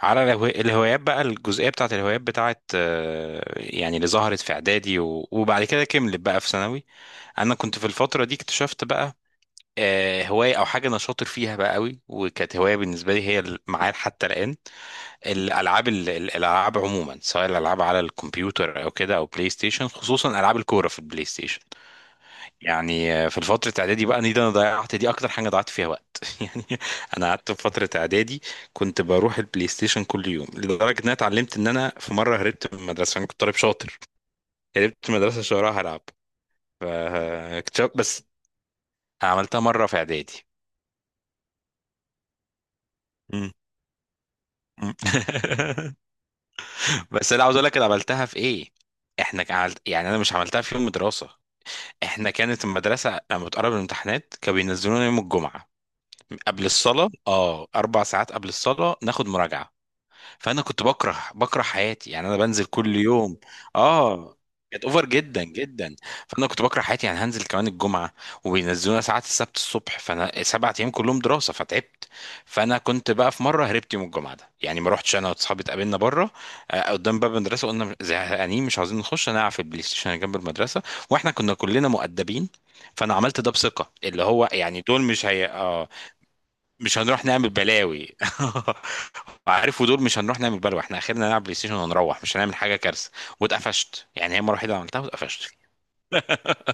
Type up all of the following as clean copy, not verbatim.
على الهوايات بقى، الجزئية بتاعت الهوايات بتاعت، يعني اللي ظهرت في إعدادي و- وبعد كده كملت بقى في ثانوي. أنا كنت في الفترة دي اكتشفت بقى هواية أو حاجة أنا شاطر فيها بقى قوي، وكانت هواية بالنسبة لي هي معايا حتى الآن. الألعاب، الألعاب عموما، سواء الألعاب على الكمبيوتر أو كده أو بلاي ستيشن، خصوصا ألعاب الكورة في البلاي ستيشن. يعني في فترة إعدادي بقى دي، أنا ضيعت، دي أكتر حاجة ضيعت فيها وقت يعني. أنا قعدت في فترة إعدادي كنت بروح البلاي ستيشن كل يوم، لدرجة إن أنا اتعلمت، إن أنا في مرة هربت من المدرسة. أنا كنت طالب شاطر، هربت من المدرسة شهرها هلعب. فاكتشفت بس، عملتها مرة في إعدادي. مم. مم. بس أنا عاوز أقول لك، أنا عملتها في إيه. إحنا كان عملت يعني، أنا مش عملتها في يوم دراسة. إحنا كانت المدرسة لما بتقرب الامتحانات كانوا بينزلونا يوم الجمعة قبل الصلاة، 4 ساعات قبل الصلاة ناخد مراجعة. فأنا كنت بكره بكره حياتي يعني، أنا بنزل كل يوم. اه، كانت اوفر جدا جدا. فانا كنت بكره حياتي، يعني هنزل كمان الجمعه، وبينزلونا ساعات السبت الصبح. فانا 7 ايام كلهم دراسه، فتعبت. فانا كنت بقى في مره هربت يوم الجمعه ده، يعني ما رحتش، انا واصحابي اتقابلنا بره، قدام باب المدرسه. قلنا زهقانين، مش عاوزين نخش، نلعب في البلاي ستيشن اللي جنب المدرسه. واحنا كنا كلنا مؤدبين، فانا عملت ده بثقه، اللي هو يعني دول مش هي، اه، مش هنروح نعمل بلاوي. عارف، ودول مش هنروح نعمل بلاوي، احنا اخرنا نلعب بلاي ستيشن ونروح، مش هنعمل حاجه كارثه. واتقفشت، يعني هي المره الوحيده اللي عملتها واتقفشت.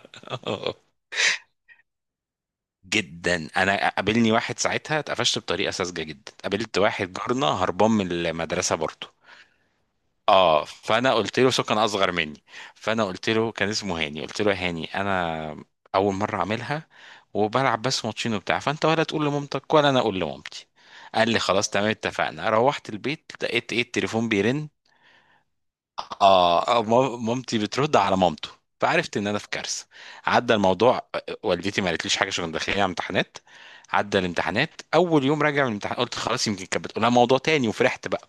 جدا. انا قابلني واحد ساعتها، اتقفشت بطريقه ساذجه جدا. قابلت واحد جارنا هربان من المدرسه برضه، اه. فانا قلت له، سو كان اصغر مني، فانا قلت له، كان اسمه هاني، قلت له يا هاني انا اول مره اعملها، وبلعب بس ماتشين وبتاع، فانت ولا تقول لمامتك ولا انا اقول لمامتي. قال لي خلاص تمام، اتفقنا. روحت البيت، لقيت ايه، التليفون بيرن. اه، مامتي بترد على مامته، فعرفت ان انا في كارثه. عدى الموضوع، والدتي ما قالتليش حاجه، عشان كنت داخلين على امتحانات. عدى الامتحانات، اول يوم راجع من الامتحان قلت خلاص يمكن كانت بتقولها موضوع تاني، وفرحت بقى.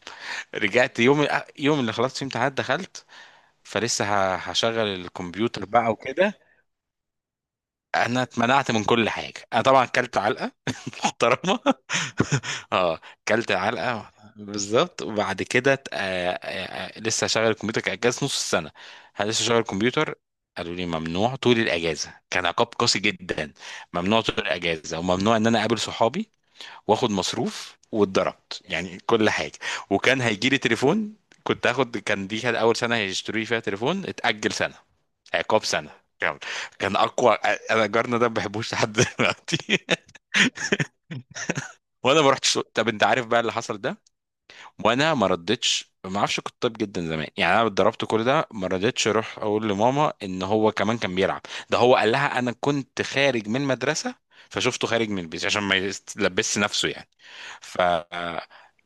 رجعت يوم اللي خلصت فيه امتحانات دخلت فلسه، هشغل الكمبيوتر بقى وكده. انا اتمنعت من كل حاجه، انا طبعا كلت علقه محترمه. اه، كلت علقه بالظبط. وبعد كده لسه شغل الكمبيوتر؟ كان اجازه نص السنه، هل لسه شغل الكمبيوتر؟ قالوا لي ممنوع طول الاجازه. كان عقاب قاسي جدا، ممنوع طول الاجازه، وممنوع ان انا اقابل صحابي، واخد مصروف، واتضربت، يعني كل حاجه. وكان هيجي لي تليفون، كنت هاخد، كان دي كانت اول سنه هيشتروا لي فيها تليفون، اتاجل سنه. عقاب سنه كامل، كان اقوى. انا جارنا ده ما بحبوش لحد دلوقتي وانا ما رحتش، طب انت عارف بقى اللي حصل ده، وانا ما ردتش، ما اعرفش، كنت طيب جدا زمان يعني. انا اتضربت كل ده، ما رضيتش اروح اقول لماما ان هو كمان كان بيلعب. ده هو قال لها انا كنت خارج من المدرسه، فشفته خارج من البيت عشان ما يلبسش نفسه يعني. ف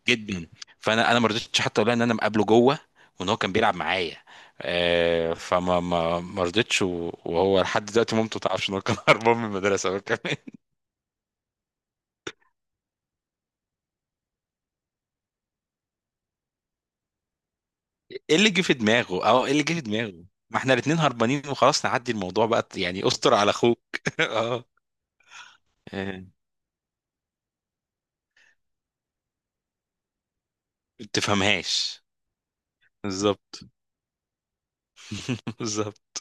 جدا. فانا ما رضيتش حتى اقول لها ان انا مقابله جوه، وان هو كان بيلعب معايا. فما ما ما رضيتش، و- وهو لحد دلوقتي مامته ما تعرفش ان هو كان هربان من المدرسه هو كمان. ايه اللي جه في دماغه، ما احنا الاتنين هربانين، وخلاص نعدي الموضوع بقى، يعني استر على اخوك. اه، آه، ما تفهمهاش. بالظبط بالظبط.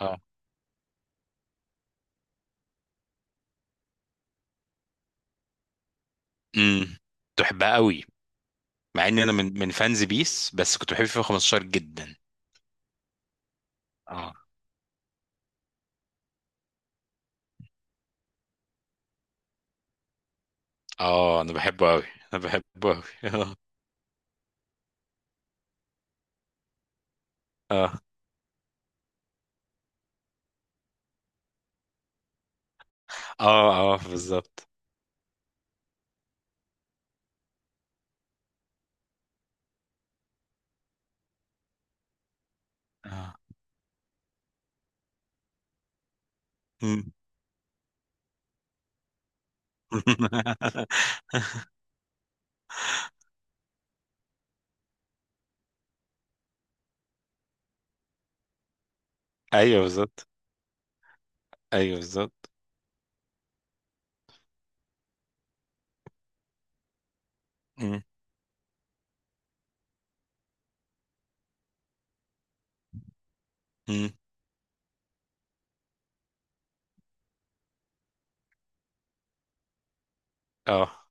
اه، امم تحبها قوي، مع ان انا من فانز بيس، بس كنت بحب فيفا 15 جدا. اه اه، انا بحبه قوي، انا بحبه قوي اه اه اه، بالظبط. اه، مم. ايوه بالظبط. ايوه بالظبط. مم. مم. اه،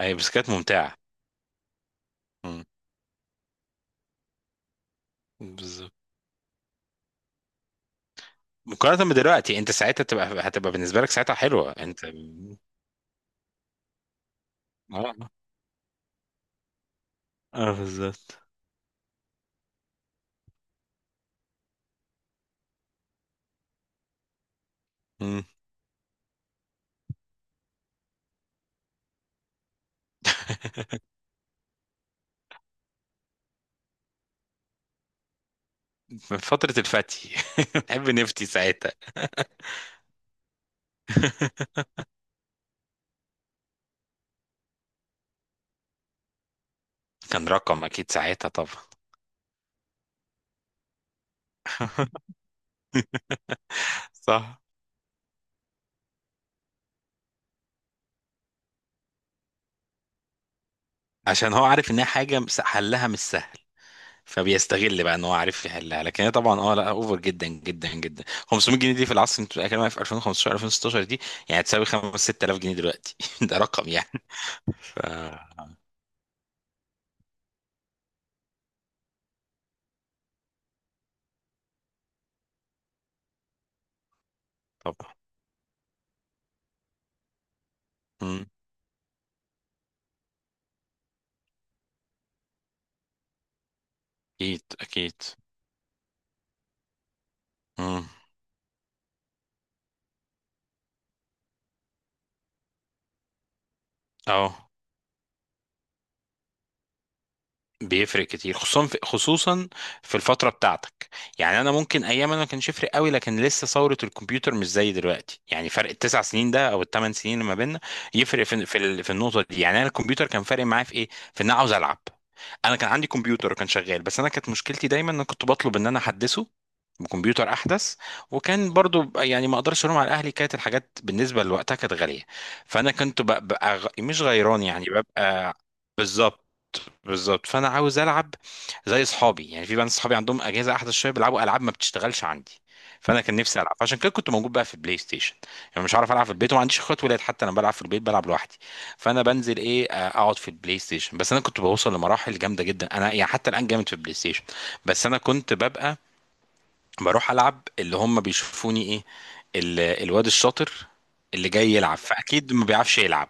ايوه، بس كانت ممتعه. مم. بالظبط. مقارنه بدلوقتي، انت ساعتها هتبقى بالنسبه لك ساعتها حلوه انت. اه اه بالظبط. مم. من فتره الفتي بحب نفتي ساعتها كان رقم اكيد ساعتها طبعا صح. عشان هو عارف ان هي حاجه حلها مش سهل، فبيستغل بقى ان هو عارف يحلها. لكن هي طبعا، اه، لا، اوفر جدا جدا جدا. 500 جنيه دي في العصر اللي انت بتتكلم في 2015 2016 دي، يعني تساوي 5 6000 جنيه دلوقتي ده رقم يعني ف طبعا. مم. اكيد اكيد. مم. اه، بيفرق كتير خصوصا، في الفتره بتاعتك. يعني انا ممكن ايام انا ما كانش يفرق قوي، لكن لسه ثوره الكمبيوتر مش زي دلوقتي، يعني فرق التسع سنين ده او الثمان سنين اللي ما بيننا، يفرق في النقطه دي. يعني انا الكمبيوتر كان فارق معايا في ايه، في ان انا عاوز العب. انا كان عندي كمبيوتر، وكان شغال، بس انا كانت مشكلتي دايما ان أنا كنت بطلب ان انا احدثه بكمبيوتر احدث. وكان برضو، يعني ما اقدرش الوم على اهلي، كانت الحاجات بالنسبه لوقتها كانت غاليه. فانا كنت ببقى مش غيران، يعني ببقى. بالظبط بالظبط. فانا عاوز العب زي اصحابي. يعني في بنات اصحابي عندهم اجهزه احدث شويه، بيلعبوا العاب ما بتشتغلش عندي، فانا كان نفسي العب، عشان كده كنت موجود بقى في البلاي ستيشن. يعني مش عارف العب في البيت، وما عنديش اخوات ولاد، حتى انا بلعب في البيت بلعب لوحدي. فانا بنزل ايه، اقعد في البلاي ستيشن. بس انا كنت بوصل لمراحل جامده جدا، انا يعني حتى الان جامد في البلاي ستيشن. بس انا كنت ببقى بروح العب، اللي هم بيشوفوني ايه، الواد الشاطر اللي جاي يلعب، فاكيد ما بيعرفش يلعب.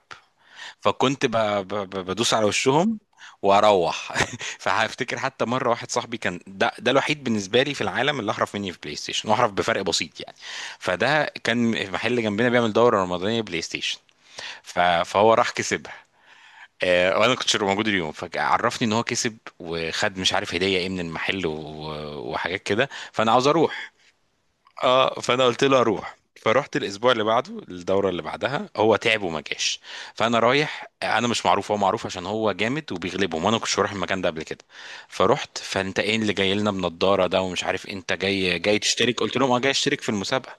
فكنت بدوس على وشهم واروح فهفتكر حتى مره واحد صاحبي، كان ده الوحيد بالنسبه لي في العالم اللي احرف مني في بلاي ستيشن، واحرف بفرق بسيط يعني. فده كان محل جنبنا بيعمل دوره رمضانيه بلاي ستيشن، ف... فهو راح كسبها، وانا كنتش موجود اليوم. فعرفني ان هو كسب، وخد مش عارف هديه ايه من المحل وحاجات كده. فانا عاوز اروح. اه، فانا قلت له اروح، فروحت الاسبوع اللي بعده. الدوره اللي بعدها هو تعب وما جاش. فانا رايح، انا مش معروف، هو معروف عشان هو جامد وبيغلبهم، وانا ما كنتش هروح المكان ده قبل كده. فرحت، فانت ايه اللي جاي لنا بنضاره ده ومش عارف إيه، انت جاي تشترك؟ قلت لهم اه، جاي اشترك في المسابقه.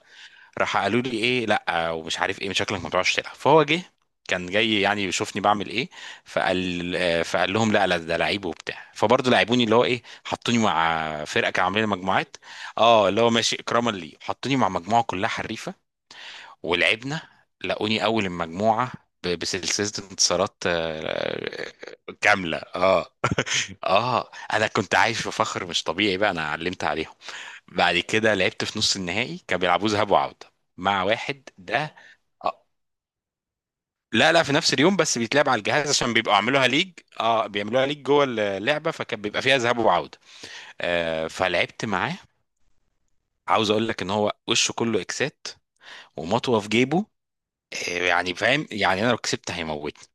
راح قالوا لي ايه، لا ومش عارف ايه، من شكلك ما بتعرفش تلعب. فهو جه، كان جاي يعني يشوفني بعمل ايه. فقال لهم لا لا، ده لعيب وبتاع. فبرضه لعبوني، اللي هو ايه، حطوني مع فرقه، كانوا عاملين مجموعات، اه، اللي هو ماشي اكراما لي، حطوني مع مجموعه كلها حريفه. ولعبنا، لقوني اول المجموعه بسلسله انتصارات، كامله، اه اه. انا كنت عايش في فخر مش طبيعي بقى، انا علمت عليهم. بعد كده لعبت في نص النهائي، كانوا بيلعبوه ذهاب وعودة، مع واحد ده. آه، لا لا، في نفس اليوم، بس بيتلعب على الجهاز عشان بيبقوا عاملوها ليج. اه، بيعملوها ليج جوه اللعبة، فكان بيبقى فيها ذهاب وعودة. فلعبت معاه. عاوز اقول لك ان هو وشه كله اكسات، ومطوه في جيبه، يعني فاهم يعني انا لو كسبت هيموتني.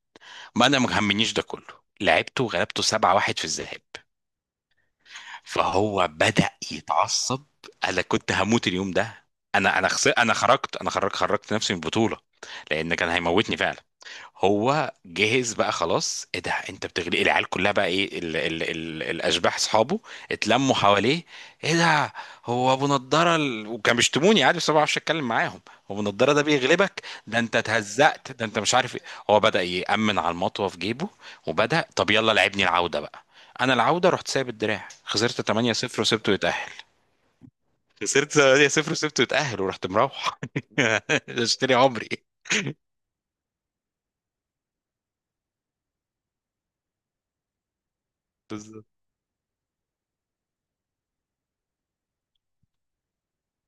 ما انا ما همنيش ده كله، لعبته وغلبته 7-1 في الذهاب، فهو بدأ يتعصب. انا كنت هموت اليوم ده. انا خرجت انا خرجت خرجت نفسي من البطوله، لان كان هيموتني فعلا. هو جهز بقى خلاص، ايه ده، انت بتغلي العيال كلها بقى. ايه ال ال ال الاشباح اصحابه اتلموا حواليه، ايه ده، هو ابو نضاره وكان بيشتموني عادي، بس أنا ما بعرفش اتكلم معاهم. هو ابو نضاره ده بيغلبك، ده انت اتهزقت، ده انت مش عارف ايه. هو بدأ يأمن على المطوه في جيبه، وبدأ طب يلا لعبني العوده بقى. انا العوده رحت سايب الدراع، خسرت 8-0 وسبته يتأهل. خسرت 8-0 وسبته يتأهل، ورحت مروح اشتري عمري.